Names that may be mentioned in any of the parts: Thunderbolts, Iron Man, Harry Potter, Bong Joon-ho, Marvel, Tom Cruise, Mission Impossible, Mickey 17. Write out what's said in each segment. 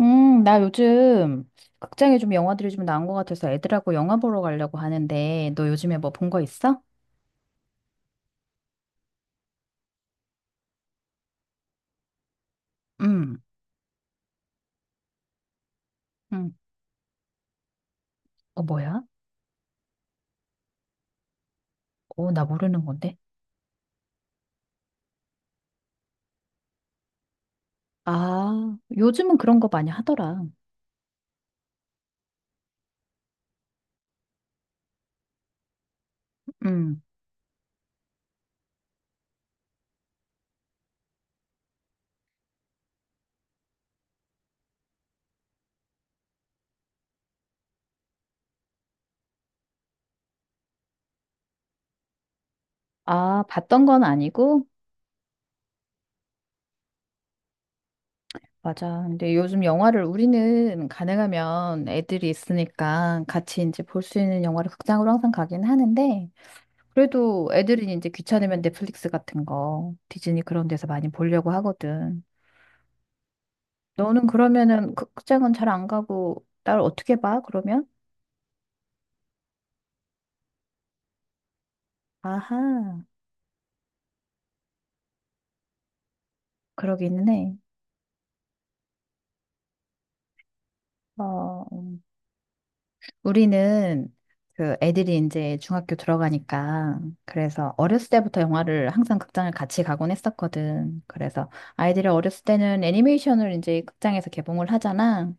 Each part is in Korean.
나 요즘 극장에 좀 영화들이 좀 나온 것 같아서 애들하고 영화 보러 가려고 하는데, 너 요즘에 뭐 본 거 있어? 음, 음. 어, 뭐야? 어, 나 모르는 건데. 아, 요즘은 그런 거 많이 하더라. 음. 아, 봤던 건 아니고? 맞아. 근데 요즘 영화를 우리는 가능하면 애들이 있으니까 같이 이제 볼 수 있는 영화를 극장으로 항상 가긴 하는데, 그래도 애들이 이제 귀찮으면 넷플릭스 같은 거, 디즈니 그런 데서 많이 보려고 하거든. 너는 그러면은 그, 극장은 잘 안 가고, 나를 어떻게 봐, 그러면? 아하, 그러기는 해. 어, 우리는 그 애들이 이제 중학교 들어가니까 그래서 어렸을 때부터 영화를 항상 극장을 같이 가곤 했었거든. 그래서 아이들이 어렸을 때는 애니메이션을 이제 극장에서 개봉을 하잖아.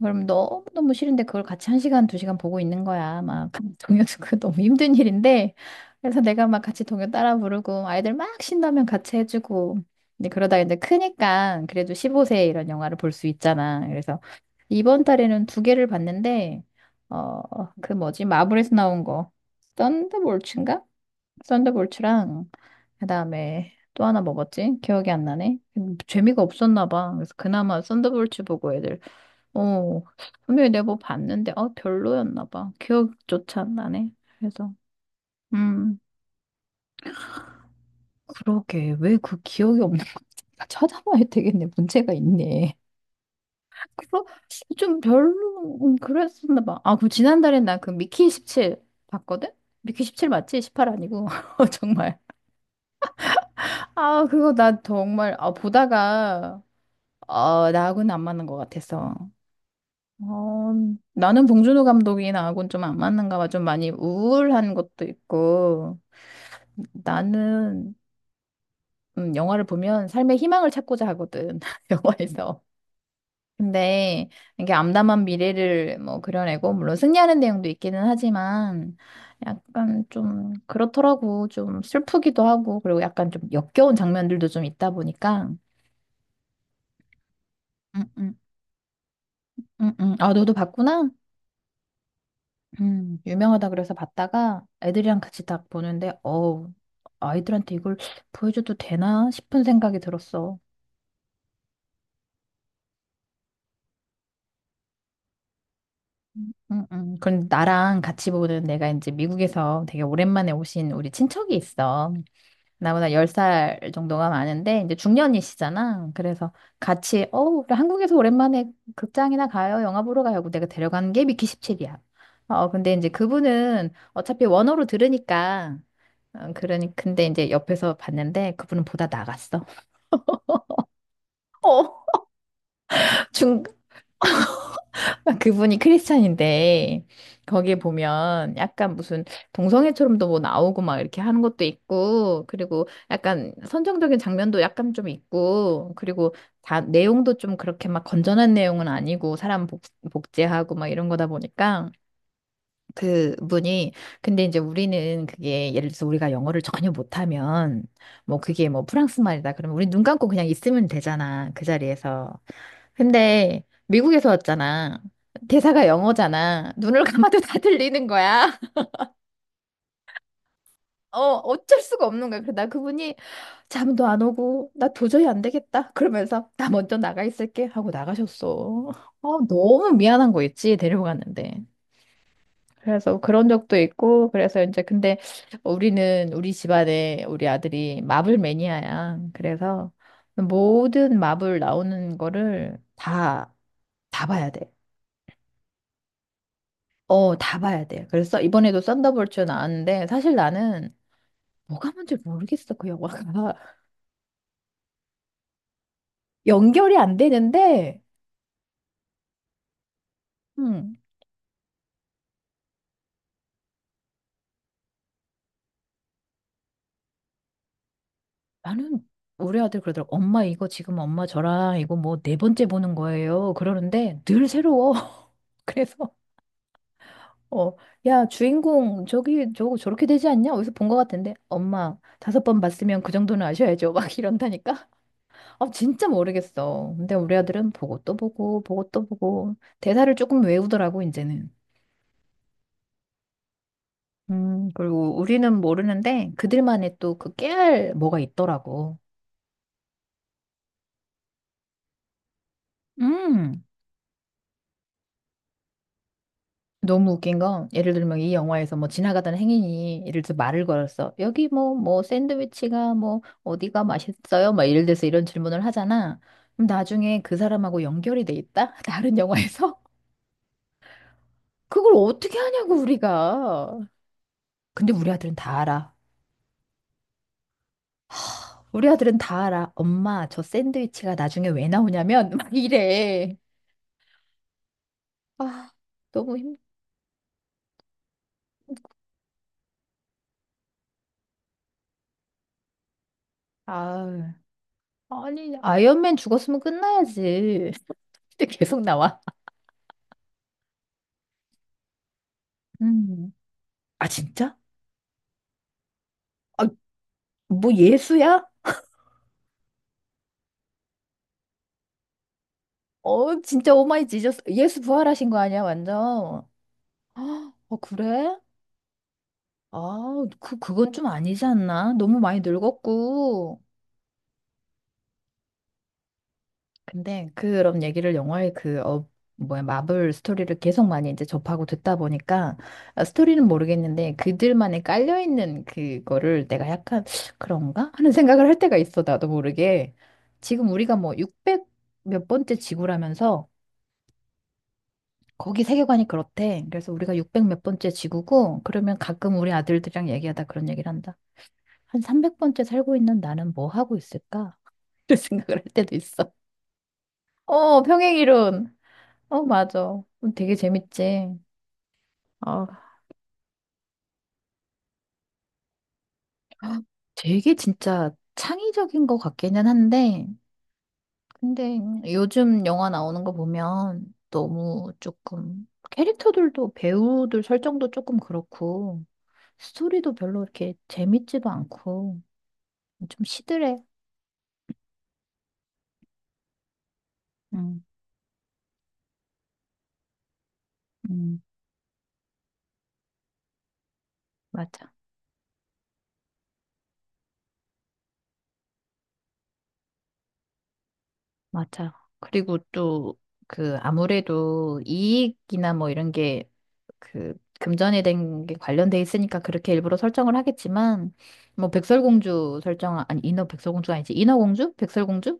그럼 너무너무 싫은데 그걸 같이 한 시간, 두 시간 보고 있는 거야. 막 동요도 그 너무 힘든 일인데. 그래서 내가 막 같이 동요 따라 부르고 아이들 막 신나면 같이 해주고. 근데 그러다 이제 크니까 그래도 15세 이런 영화를 볼 수 있잖아. 그래서 이번 달에는 두 개를 봤는데 어, 그 뭐지? 마블에서 나온 거. 썬더볼츠인가? 썬더볼츠랑 그다음에 또 하나 먹었지? 기억이 안 나네. 재미가 없었나 봐. 그래서 그나마 썬더볼츠 보고 애들 어, 분명히 내가 뭐 봤는데 어 별로였나 봐. 기억조차 안 나네. 그래서 음, 그러게. 왜 그 기억이 없는 건지 찾아봐야 되겠네. 문제가 있네. 그거 좀 별로 그랬었나 봐. 아, 그 지난달에 나 그 미키 17 봤거든? 미키 17 맞지? 18 아니고. 어, 정말. 아, 그거 나 정말 보다가 어, 나하고는 안 맞는 것 같아서. 어, 나는 봉준호 감독이 나하고는 좀 안 맞는가 봐. 좀 많이 우울한 것도 있고. 나는 영화를 보면 삶의 희망을 찾고자 하거든. 영화에서. 근데 이게 암담한 미래를 뭐 그려내고 물론 승리하는 내용도 있기는 하지만 약간 좀 그렇더라고 좀 슬프기도 하고 그리고 약간 좀 역겨운 장면들도 좀 있다 보니까 응응 응응 아 너도 봤구나 유명하다 그래서 봤다가 애들이랑 같이 딱 보는데 어우 아이들한테 이걸 보여줘도 되나 싶은 생각이 들었어 응응 그럼 나랑 같이 보는 내가 이제 미국에서 되게 오랜만에 오신 우리 친척이 있어 나보다 10살 정도가 많은데 이제 중년이시잖아. 그래서 같이 우리 한국에서 오랜만에 극장이나 가요. 영화 보러 가요. 하고 내가 데려간 게 미키 17이야. 어, 근데 이제 그분은 어차피 원어로 들으니까 어, 그러니 근데 이제 옆에서 봤는데 그분은 보다 나갔어. 어, 중 그분이 크리스찬인데 거기에 보면 약간 무슨 동성애처럼도 뭐 나오고 막 이렇게 하는 것도 있고 그리고 약간 선정적인 장면도 약간 좀 있고 그리고 다 내용도 좀 그렇게 막 건전한 내용은 아니고 사람 복제하고 막 이런 거다 보니까 그분이 근데 이제 우리는 그게 예를 들어서 우리가 영어를 전혀 못하면 뭐 그게 뭐 프랑스 말이다 그러면 우리 눈 감고 그냥 있으면 되잖아 그 자리에서 근데 미국에서 왔잖아. 대사가 영어잖아. 눈을 감아도 다 들리는 거야. 어, 어쩔 수가 없는 거야. 그래서 나 그분이 잠도 안 오고 나 도저히 안 되겠다. 그러면서 나 먼저 나가 있을게 하고 나가셨어. 어, 너무 미안한 거 있지. 데리고 갔는데. 그래서 그런 적도 있고 그래서 이제 근데 우리는 우리 집안에 우리 아들이 마블 매니아야. 그래서 모든 마블 나오는 거를 다 봐야 돼. 어, 다 봐야 돼. 그래서 이번에도 썬더볼츠 나왔는데 사실 나는 뭐가 뭔지 모르겠어, 그 영화가. 연결이 안 되는데, 음, 나는 우리 아들 그러더라고. 엄마 이거 지금 엄마 저랑 이거 뭐 네 번째 보는 거예요. 그러는데 늘 새로워. 그래서 어, 야, 주인공 저기 저거 저렇게 되지 않냐? 어디서 본 것 같은데. 엄마 다섯 번 봤으면 그 정도는 아셔야죠. 막 이런다니까. 아, 진짜 모르겠어. 근데 우리 아들은 보고 또 보고 보고 또 보고 대사를 조금 외우더라고 이제는. 그리고 우리는 모르는데 그들만의 또 그 깨알 뭐가 있더라고. 음, 너무 웃긴 건 예를 들면 이 영화에서 뭐 지나가던 행인이 예를 들어 말을 걸었어. 여기 뭐 샌드위치가 뭐 어디가 맛있어요? 막 예를 들어서 이런 질문을 하잖아. 그럼 나중에 그 사람하고 연결이 돼 있다? 다른 영화에서? 그걸 어떻게 하냐고 우리가. 근데 우리 아들은 다 알아. 우리 아들은 다 알아. 엄마, 저 샌드위치가 나중에 왜 나오냐면 막 이래. 아, 너무 힘. 아. 아니, 아이언맨 죽었으면 끝나야지. 근데 계속 나와. 음. 아, 진짜? 아, 뭐 예수야? 어, 진짜 오마이 지저스. 예수 부활하신 거 아니야, 완전. 아, 그래? 아, 그건 좀 아니지 않나? 너무 많이 늙었고. 근데 그런 얘기를 영화의 그 뭐야 마블 스토리를 계속 많이 이제 접하고 듣다 보니까 아, 스토리는 모르겠는데 그들만의 깔려 있는 그거를 내가 약간 그런가 하는 생각을 할 때가 있어 나도 모르게 지금 우리가 뭐 600 몇 번째 지구라면서 거기 세계관이 그렇대 그래서 우리가 600 몇 번째 지구고 그러면 가끔 우리 아들들이랑 얘기하다 그런 얘기를 한다 한 300번째 살고 있는 나는 뭐 하고 있을까? 이런 생각을 할 때도 있어 어 평행이론 어, 맞아. 되게 재밌지. 아 되게 진짜 창의적인 것 같기는 한데, 근데 요즘 영화 나오는 거 보면 너무 조금 캐릭터들도 배우들 설정도 조금 그렇고, 스토리도 별로 이렇게 재밌지도 않고, 좀 시들해. 응, 응, 맞아. 맞아. 그리고 또 그 아무래도 이익이나 뭐 이런 게 그 금전에 된 게 관련돼 있으니까 그렇게 일부러 설정을 하겠지만 뭐 백설공주 설정 아니 인어 백설공주가 아니지 인어공주? 백설공주?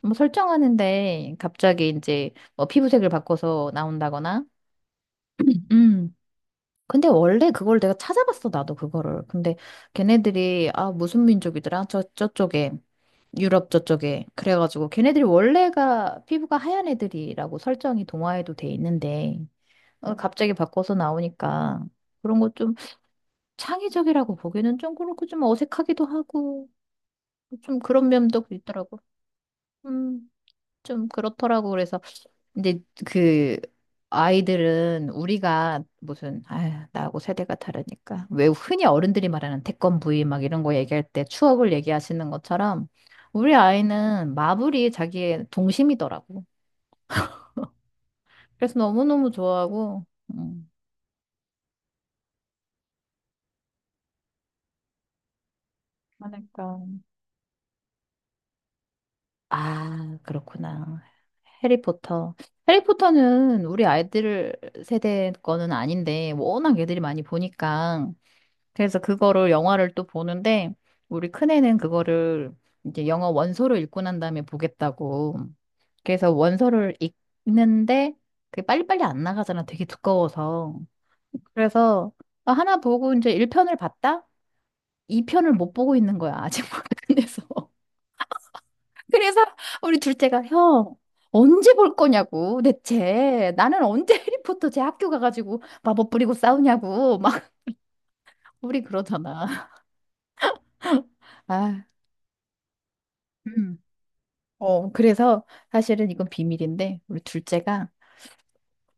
뭐 설정하는데 갑자기 이제 뭐 피부색을 바꿔서 나온다거나 근데 원래 그걸 내가 찾아봤어, 나도 그거를. 근데 걔네들이, 아, 무슨 민족이더라? 저쪽에. 유럽 저쪽에. 그래가지고 걔네들이 원래가 피부가 하얀 애들이라고 설정이 동화에도 돼 있는데, 어, 갑자기 바꿔서 나오니까 그런 거 좀 창의적이라고 보기는 좀 그렇고 좀 어색하기도 하고, 좀 그런 면도 있더라고. 음, 좀 그렇더라고. 그래서 근데 그 아이들은 우리가 무슨 아휴, 나하고 세대가 다르니까 왜 흔히 어른들이 말하는 태권브이 막 이런 거 얘기할 때 추억을 얘기하시는 것처럼 우리 아이는 마블이 자기의 동심이더라고. 그래서 너무너무 좋아하고 음. 그러니까. 아, 그렇구나. 해리포터. 해리포터는 우리 아이들 세대 거는 아닌데 워낙 애들이 많이 보니까 그래서 그거를 영화를 또 보는데 우리 큰애는 그거를 이제 영어 원서를 읽고 난 다음에 보겠다고. 그래서 원서를 읽는데 그게 빨리빨리 안 나가잖아. 되게 두꺼워서. 그래서 아, 하나 보고 이제 1편을 봤다? 2편을 못 보고 있는 거야. 아직 못 끝내서. 그래서 우리 둘째가 형 언제 볼 거냐고 대체 나는 언제 해리포터 제 학교 가가지고 마법 부리고 싸우냐고 막 우리 그러잖아. 아, 음. 어, 그래서 사실은 이건 비밀인데, 우리 둘째가,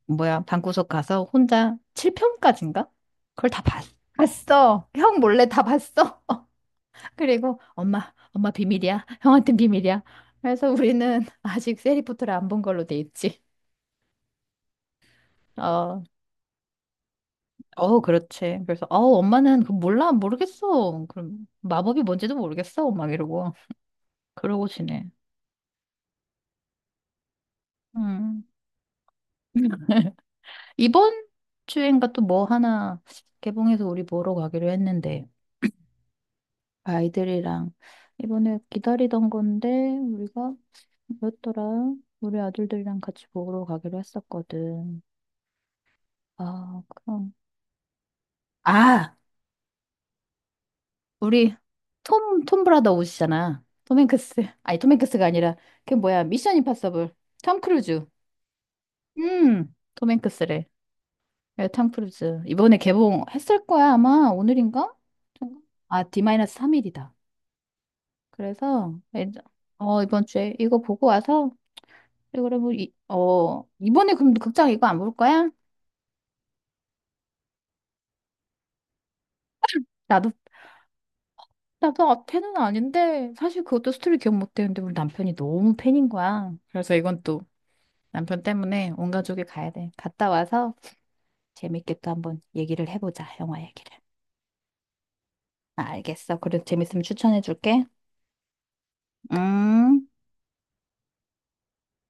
뭐야, 방구석 가서 혼자 7편까지인가? 그걸 다 봤어. 형 몰래 다 봤어. 그리고 엄마, 엄마 비밀이야. 형한텐 비밀이야. 그래서 우리는 아직 세리포트를 안 본 걸로 돼 있지. 어, 어, 그렇지. 그래서, 어, 엄마는 그 몰라, 모르겠어. 그럼 마법이 뭔지도 모르겠어. 막 이러고. 그러고 지내. 음. 이번 주엔가 또 뭐 하나 개봉해서 우리 보러 가기로 했는데. 아이들이랑 이번에 기다리던 건데 우리가 뭐였더라? 우리 아들들이랑 같이 보러 가기로 했었거든. 아, 그럼. 아, 우리 톰 브라더 옷이잖아. 톰 행크스. 아니, 톰 행크스가 아니라 그 뭐야? 미션 임파서블. 톰 크루즈. 톰 행크스래. 예, 톰 크루즈. 이번에 개봉했을 거야, 아마. 오늘인가? 아, D-3일이다. 그래서 어, 이번 주에 이거 보고 와서 그리고 뭐, 어 이번에 그럼 극장 이거 안 볼 거야? 나도 나도 팬은 아닌데 사실 그것도 스토리 기억 못 되는데 우리 남편이 너무 팬인 거야. 그래서 이건 또 남편 때문에 온 가족이 가야 돼. 갔다 와서 재밌게 또 한번 얘기를 해보자. 영화 얘기를. 아, 알겠어. 그래 재밌으면 추천해 줄게. 음.